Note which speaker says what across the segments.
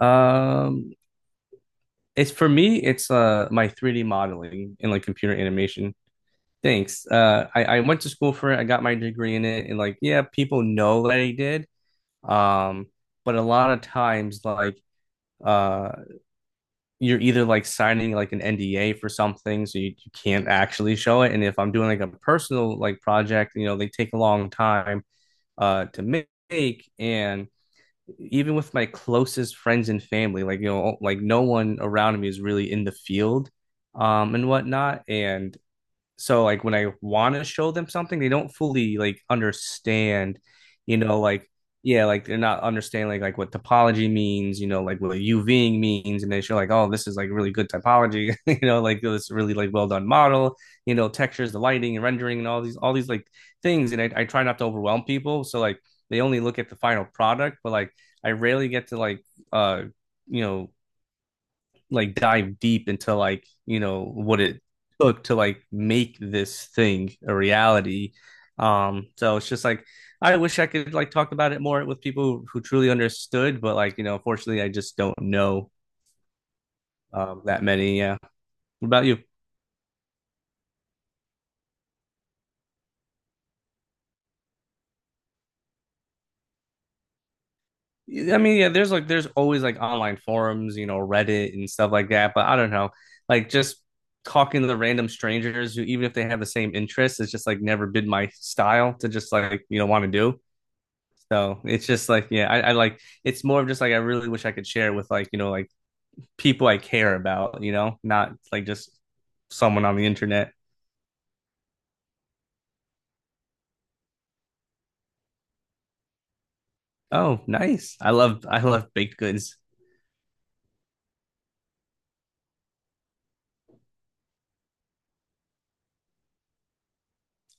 Speaker 1: Um, it's for me, it's my 3D modeling and like computer animation. Thanks. I went to school for it. I got my degree in it, and like, yeah, people know that I did. Um, but a lot of times, like, uh, you're either like signing like an NDA for something, so you can't actually show it. And if I'm doing like a personal like project, you know, they take a long time to make, and even with my closest friends and family, like you know, like no one around me is really in the field, and whatnot. And so like when I want to show them something, they don't fully like understand, you know, like yeah, like they're not understanding like what topology means, you know, like what UVing means, and they show like oh this is like really good typology, you know, like "Oh, this really like well done model, you know, textures, the lighting and rendering and all these like things, and I try not to overwhelm people, so like they only look at the final product, but like I rarely get to like uh you know like dive deep into like you know what it took to like make this thing a reality so it's just like I wish I could like talk about it more with people who truly understood but like you know unfortunately I just don't know that many. Yeah. What about you? Yeah, I mean yeah there's like there's always like online forums you know Reddit and stuff like that but I don't know like just talking to the random strangers who even if they have the same interests it's just like never been my style to just like you know want to do. So it's just like, yeah, I like it's more of just like I really wish I could share with like, you know, like people I care about, you know, not like just someone on the internet. Oh, nice. I love baked goods.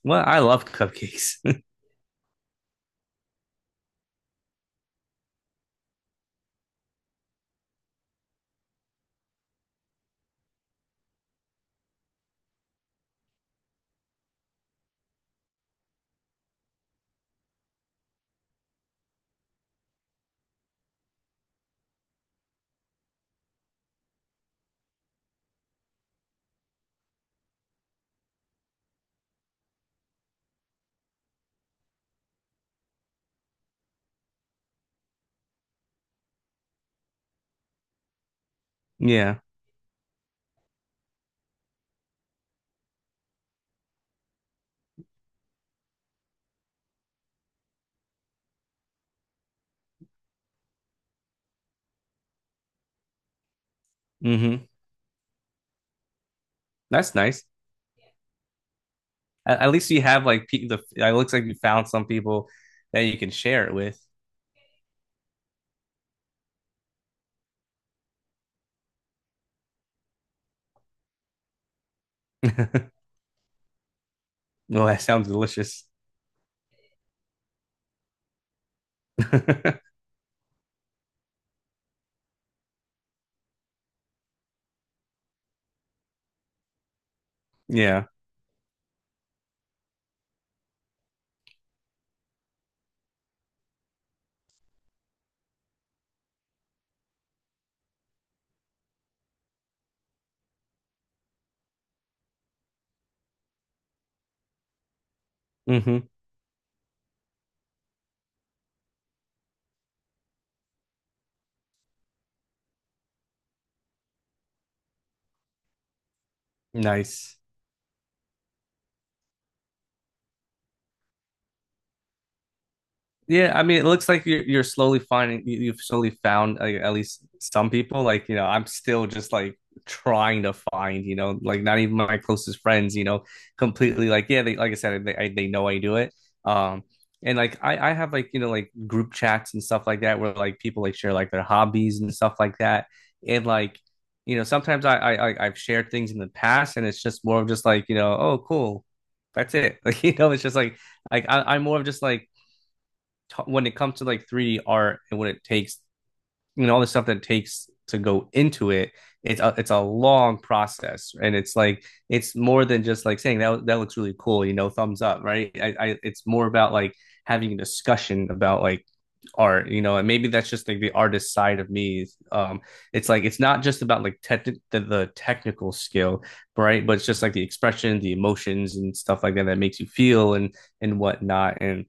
Speaker 1: Well, I love cupcakes. Yeah. Mm-hmm. That's nice. At least you have like the it looks like you found some people that you can share it with. Well, that sounds delicious. Yeah. Mm-hmm. Nice. Yeah, I mean, it looks like you're slowly finding you've slowly found like, at least some people. Like, you know, I'm still just like trying to find, you know, like not even my closest friends, you know, completely like yeah, they like I said, they know I do it. Um, and like I have like you know like group chats and stuff like that where like people like share like their hobbies and stuff like that. And like you know, sometimes I've shared things in the past, and it's just more of just like you know, oh cool, that's it. Like you know, it's just like I'm more of just like when it comes to like 3D art and what it takes, you know, all the stuff that it takes to go into it, it's a long process, and it's like it's more than just like saying that that looks really cool, you know, thumbs up, right? I it's more about like having a discussion about like art you know and maybe that's just like the artist side of me it's like it's not just about like tech the technical skill right but it's just like the expression the emotions and stuff like that that makes you feel and whatnot and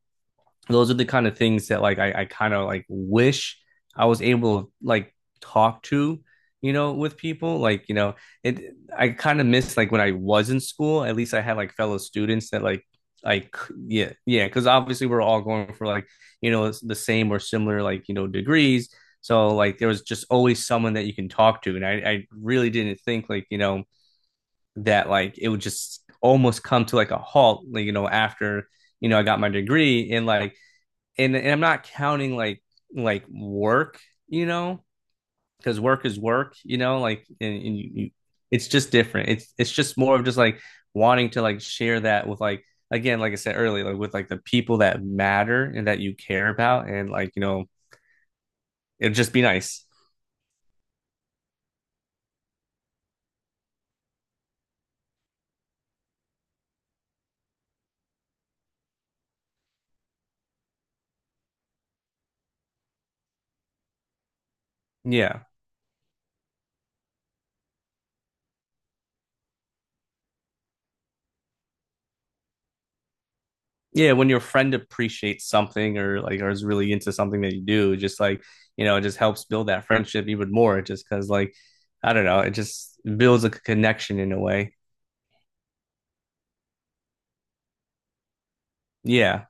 Speaker 1: those are the kind of things that like I kind of like wish I was able to like talk to, you know, with people. Like, you know, it I kind of miss like when I was in school, at least I had like fellow students that like yeah, yeah, because obviously we're all going for like, you know, the same or similar like, you know, degrees. So like there was just always someone that you can talk to. And I really didn't think like, you know, that like it would just almost come to like a halt, like, you know, after, you know, I got my degree and like and I'm not counting like work, you know, because work is work, you know, like and it's just different. It's just more of just like wanting to like share that with like again, like I said earlier, like with like the people that matter and that you care about, and like you know, it'd just be nice. Yeah, yeah. When your friend appreciates something or like or is really into something that you do, just like you know, it just helps build that friendship even more. Just because like I don't know, it just builds a connection in a way. Yeah,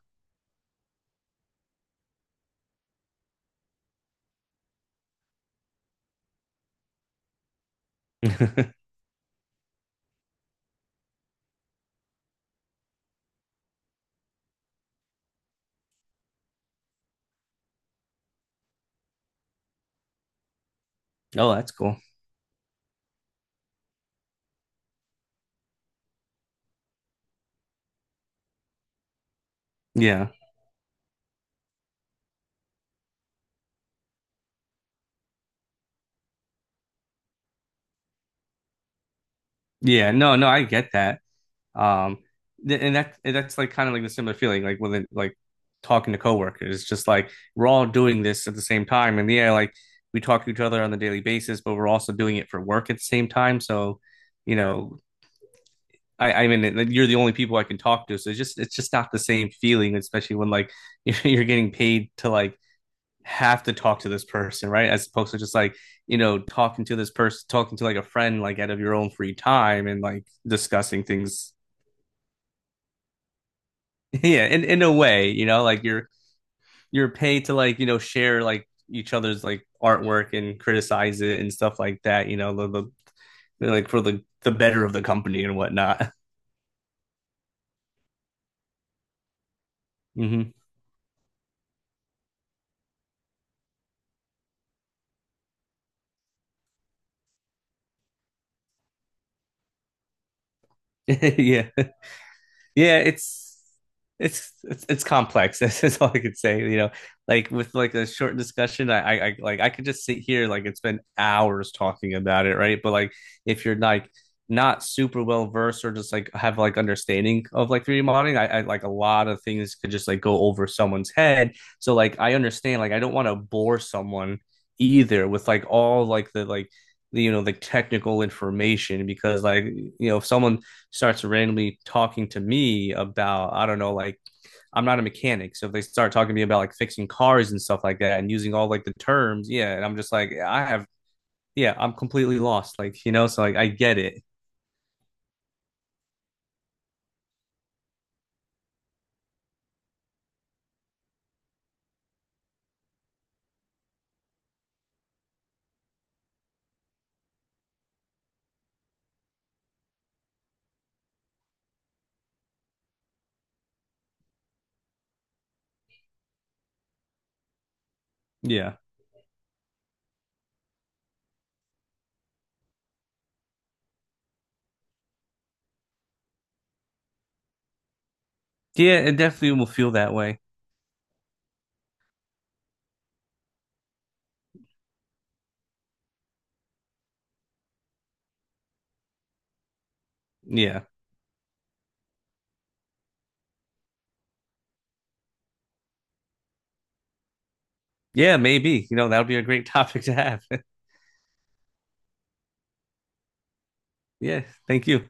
Speaker 1: oh, that's cool. Yeah. Yeah. No, no, I get that. Um, and that and that's like kind of like the similar feeling, like with like talking to coworkers. It's just like we're all doing this at the same time, and yeah, like we talk to each other on a daily basis, but we're also doing it for work at the same time. So, you know, I mean, like, you're the only people I can talk to, so it's just not the same feeling, especially when like you're getting paid to like have to talk to this person, right? As opposed to just like, you know, talking to this person, talking to like a friend, like out of your own free time and like discussing things. Yeah, in a way, you know, like you're paid to like, you know, share like each other's like artwork and criticize it and stuff like that, you know, the like for the better of the company and whatnot. Mm-hmm. Yeah. Yeah, it's it's complex. This is all I could say. You know, like with like a short discussion, I like I could just sit here like and spend hours talking about it, right? But like if you're like not super well versed or just like have like understanding of like 3D modeling, I like a lot of things could just like go over someone's head. So like I understand, like I don't want to bore someone either with like all like the, you know the technical information because like you know if someone starts randomly talking to me about I don't know like I'm not a mechanic, so if they start talking to me about like fixing cars and stuff like that and using all like the terms, yeah, and I'm just like I have yeah, I'm completely lost, like you know, so like I get it, yeah, yeah, it definitely will feel that way, yeah, yeah, maybe you know that would be a great topic to have, yeah, thank you.